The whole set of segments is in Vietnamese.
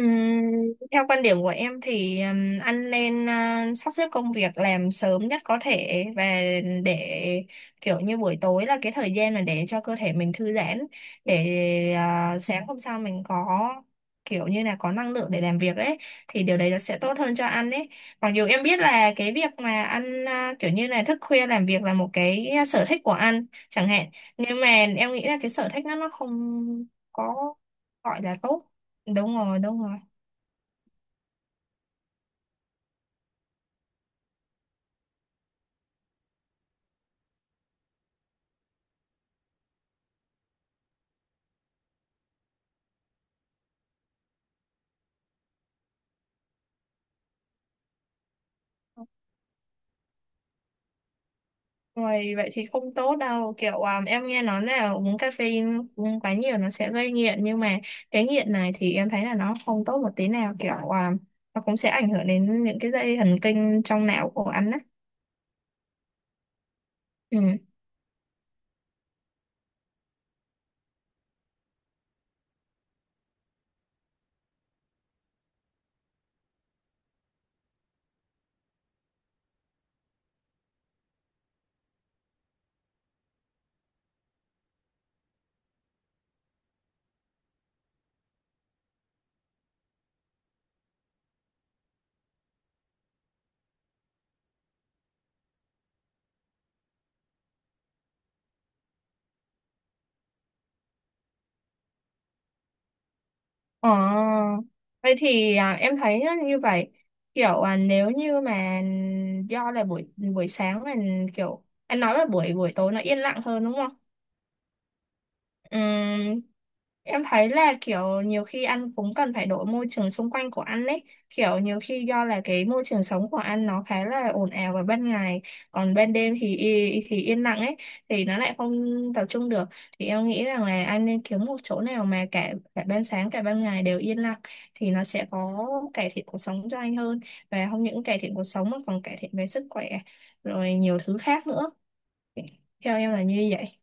Ừm, Theo quan điểm của em thì anh nên sắp xếp công việc làm sớm nhất có thể và để kiểu như buổi tối là cái thời gian mà để cho cơ thể mình thư giãn để sáng hôm sau mình có kiểu như là có năng lượng để làm việc ấy thì điều đấy nó sẽ tốt hơn cho anh ấy, mặc dù em biết là cái việc mà anh kiểu như là thức khuya làm việc là một cái sở thích của anh chẳng hạn, nhưng mà em nghĩ là cái sở thích đó nó không có gọi là tốt. Đúng rồi, đúng rồi. Rồi vậy thì không tốt đâu, kiểu em nghe nói là uống caffeine uống quá nhiều nó sẽ gây nghiện, nhưng mà cái nghiện này thì em thấy là nó không tốt một tí nào, kiểu nó cũng sẽ ảnh hưởng đến những cái dây thần kinh trong não của anh á. Ừ. Ờ, vậy thì em thấy á, như vậy kiểu nếu như mà do là buổi buổi sáng là, kiểu anh nói là buổi buổi tối nó yên lặng hơn, đúng không? Ừm, Em thấy là kiểu nhiều khi anh cũng cần phải đổi môi trường xung quanh của anh ấy. Kiểu nhiều khi do là cái môi trường sống của anh nó khá là ồn ào vào ban ngày, còn ban đêm thì thì yên lặng ấy, thì nó lại không tập trung được. Thì em nghĩ rằng là anh nên kiếm một chỗ nào mà cả cả ban sáng cả ban ngày đều yên lặng thì nó sẽ có cải thiện cuộc sống cho anh hơn, và không những cải thiện cuộc sống mà còn cải thiện về sức khỏe rồi nhiều thứ khác nữa. Theo em là như vậy.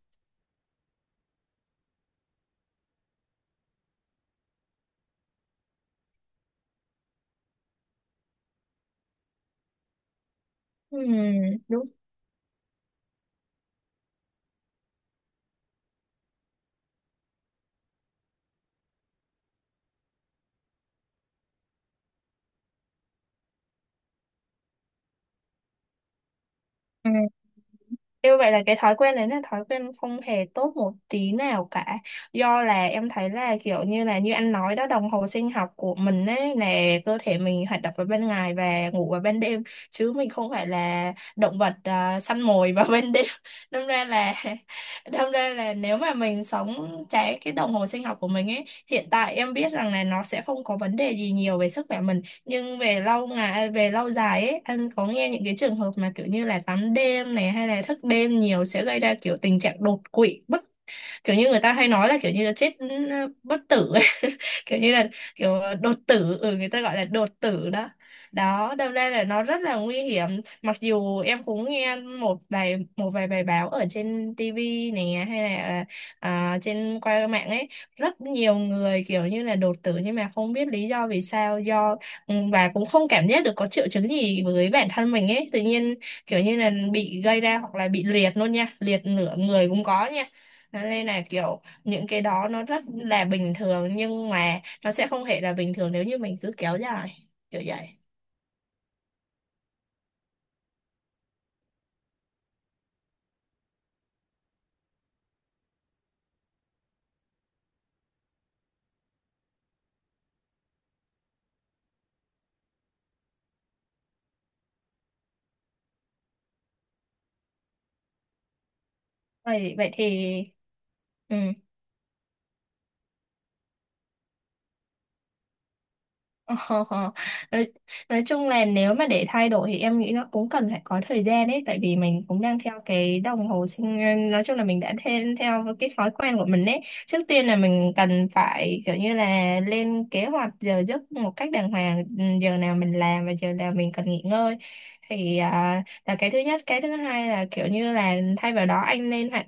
Ừ, đúng. Như vậy là cái thói quen đấy là thói quen không hề tốt một tí nào cả. Do là em thấy là kiểu như là, như anh nói đó, đồng hồ sinh học của mình ấy là cơ thể mình hoạt động vào ban ngày và ngủ vào ban đêm, chứ mình không phải là động vật săn mồi vào ban đêm. Đâm ra là đâm ra là nếu mà mình sống trái cái đồng hồ sinh học của mình ấy, hiện tại em biết rằng là nó sẽ không có vấn đề gì nhiều về sức khỏe mình, nhưng về lâu ngày à, về lâu dài ấy, anh có nghe những cái trường hợp mà kiểu như là tắm đêm này hay là thức đêm nhiều sẽ gây ra kiểu tình trạng đột quỵ, kiểu như người ta hay nói là kiểu như là chết bất tử ấy. Kiểu như là kiểu đột tử, người ta gọi là đột tử đó. Đó, đâm ra là nó rất là nguy hiểm, mặc dù em cũng nghe một vài bài báo ở trên TV này, hay là trên qua mạng ấy, rất nhiều người kiểu như là đột tử nhưng mà không biết lý do vì sao, và cũng không cảm giác được có triệu chứng gì với bản thân mình ấy, tự nhiên kiểu như là bị gây ra, hoặc là bị liệt luôn nha, liệt nửa người cũng có nha. Thế nên là kiểu những cái đó nó rất là bình thường, nhưng mà nó sẽ không hề là bình thường nếu như mình cứ kéo dài kiểu vậy. Vậy thì ừ. Ờ, nói, nói chung là nếu mà để thay đổi thì em nghĩ nó cũng cần phải có thời gian ấy, tại vì mình cũng đang theo cái đồng hồ nói chung là mình đã theo cái thói quen của mình ấy. Trước tiên là mình cần phải kiểu như là lên kế hoạch giờ giấc một cách đàng hoàng, giờ nào mình làm và giờ nào mình cần nghỉ ngơi, thì là cái thứ nhất. Cái thứ hai là kiểu như là thay vào đó anh nên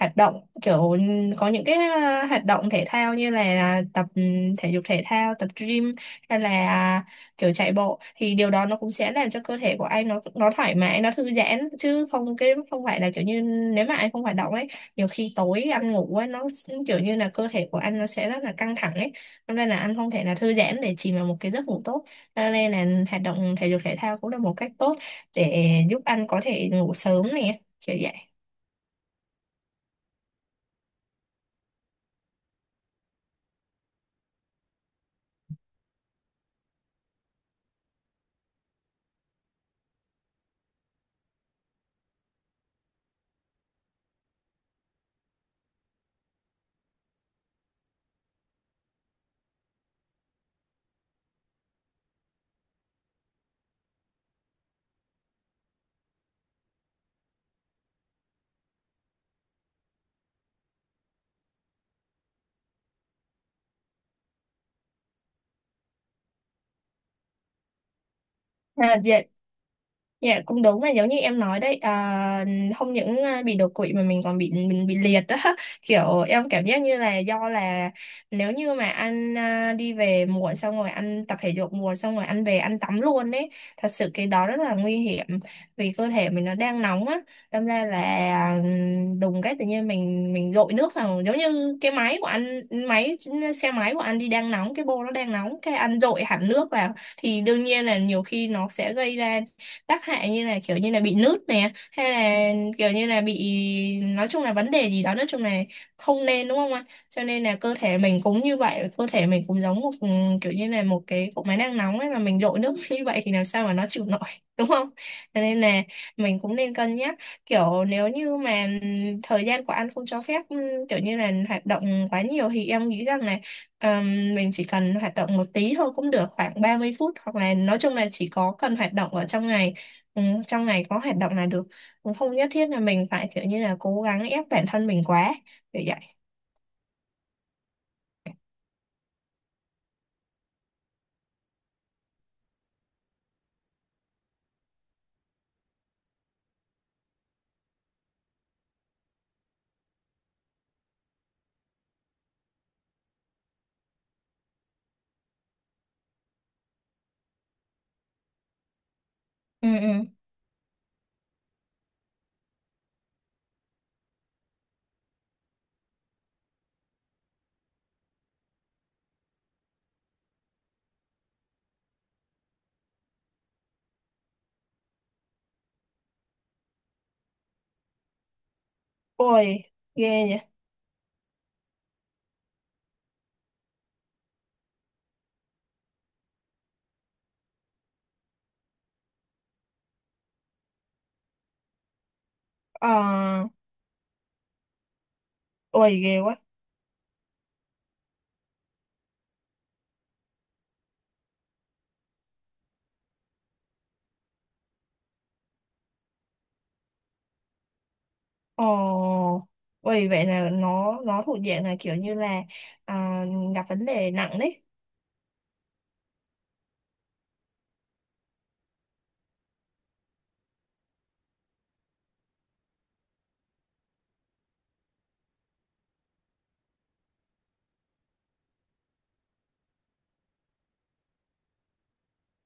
hoạt động kiểu, có những cái hoạt động thể thao như là tập thể dục thể thao, tập gym, hay là kiểu chạy bộ, thì điều đó nó cũng sẽ làm cho cơ thể của anh nó thoải mái, nó thư giãn, chứ không, cái không phải là kiểu như nếu mà anh không hoạt động ấy, nhiều khi tối ăn ngủ ấy nó kiểu như là cơ thể của anh nó sẽ rất là căng thẳng ấy. Cho nên là anh không thể là thư giãn để chìm vào một cái giấc ngủ tốt. Cho nên là hoạt động thể dục thể thao cũng là một cách tốt để giúp anh có thể ngủ sớm này, kiểu vậy. Dạ, dạ cũng đúng là giống như em nói đấy, không những bị đột quỵ mà mình còn bị, mình bị liệt đó. Kiểu em cảm giác như là do là nếu như mà anh đi về muộn xong rồi anh tập thể dục muộn xong rồi anh về anh tắm luôn đấy, thật sự cái đó rất là nguy hiểm, vì cơ thể mình nó đang nóng á. Đâm ra là à, đùng cái tự nhiên mình dội nước vào, giống như cái máy của anh, máy xe máy của anh đi, đang nóng, cái bô nó đang nóng, cái anh dội hẳn nước vào thì đương nhiên là nhiều khi nó sẽ gây ra tác hại, như là kiểu như là bị nứt nè, hay là kiểu như là bị, nói chung là vấn đề gì đó, nói chung là không nên, đúng không ạ. Cho nên là cơ thể mình cũng như vậy, cơ thể mình cũng giống một kiểu như là một cái cục máy đang nóng ấy, mà mình đổ nước như vậy thì làm sao mà nó chịu nổi, đúng không. Cho nên là mình cũng nên cân nhắc, kiểu nếu như mà thời gian của anh không cho phép kiểu như là hoạt động quá nhiều, thì em nghĩ rằng là mình chỉ cần hoạt động một tí thôi cũng được, khoảng 30 phút, hoặc là nói chung là chỉ có cần hoạt động ở trong ngày. Ừ, trong ngày có hoạt động là được, cũng không nhất thiết là mình phải kiểu như là cố gắng ép bản thân mình quá, kiểu vậy. Ừ, ừ. Ôi, ghê nhỉ. Ờ. Ôi, ghê quá. Ồ. Ôi, vậy là nó thuộc diện là kiểu như là à, gặp vấn đề nặng đấy.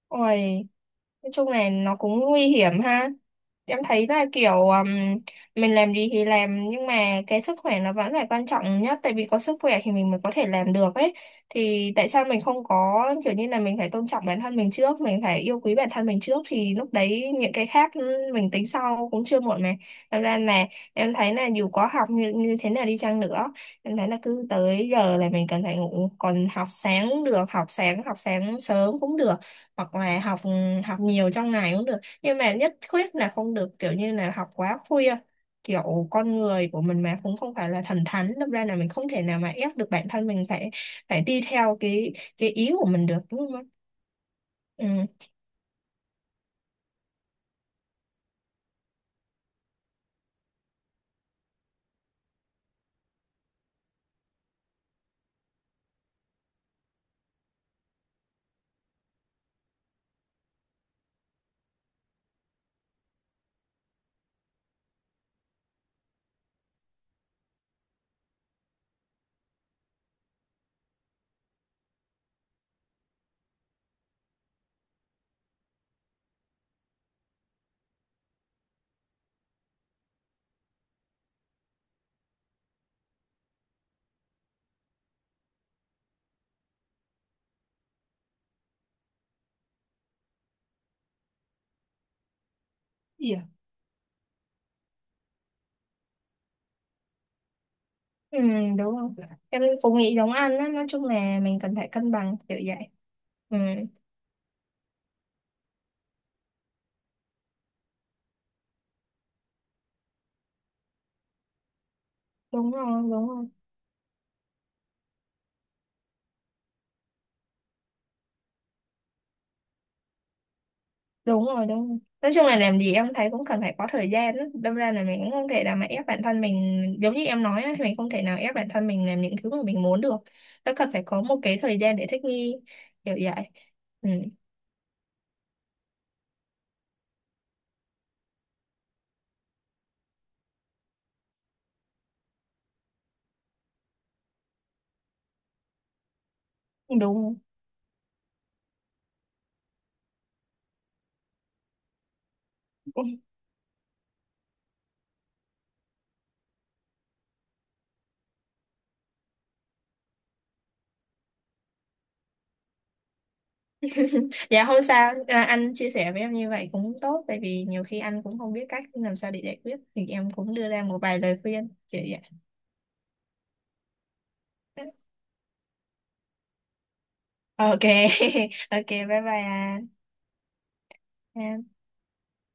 Ôi. Nói chung này nó cũng nguy hiểm ha. Em thấy là kiểu mình làm gì thì làm, nhưng mà cái sức khỏe nó vẫn là quan trọng nhất, tại vì có sức khỏe thì mình mới có thể làm được ấy. Thì tại sao mình không có kiểu như là mình phải tôn trọng bản thân mình trước, mình phải yêu quý bản thân mình trước, thì lúc đấy những cái khác mình tính sau cũng chưa muộn mà. Thật ra là em thấy là dù có học như thế nào đi chăng nữa, em thấy là cứ tới giờ là mình cần phải ngủ, còn học sáng được, học sáng sớm cũng được, hoặc là học học nhiều trong ngày cũng được, nhưng mà nhất quyết là không được kiểu như là học quá khuya, kiểu con người của mình mà cũng không phải là thần thánh, đâm ra là mình không thể nào mà ép được bản thân mình phải phải đi theo cái ý của mình được, đúng không. Ừ. Dạ. Ừ, đúng không? Em cũng nghĩ giống anh á, nói chung là mình cần phải cân bằng, kiểu vậy. Ừ. Đúng rồi, đúng rồi. Đúng rồi, đúng rồi. Nói chung là làm gì em thấy cũng cần phải có thời gian á, đâm ra là mình cũng không thể nào mà ép bản thân mình, giống như em nói á, mình không thể nào ép bản thân mình làm những thứ mà mình muốn được, nó cần phải có một cái thời gian để thích nghi, kiểu vậy. Ừ. Đúng. Dạ không sao, anh chia sẻ với em như vậy cũng tốt, tại vì nhiều khi anh cũng không biết cách làm sao để giải quyết thì em cũng đưa ra một vài lời khuyên, kiểu vậy. OK. OK, bye bye anh.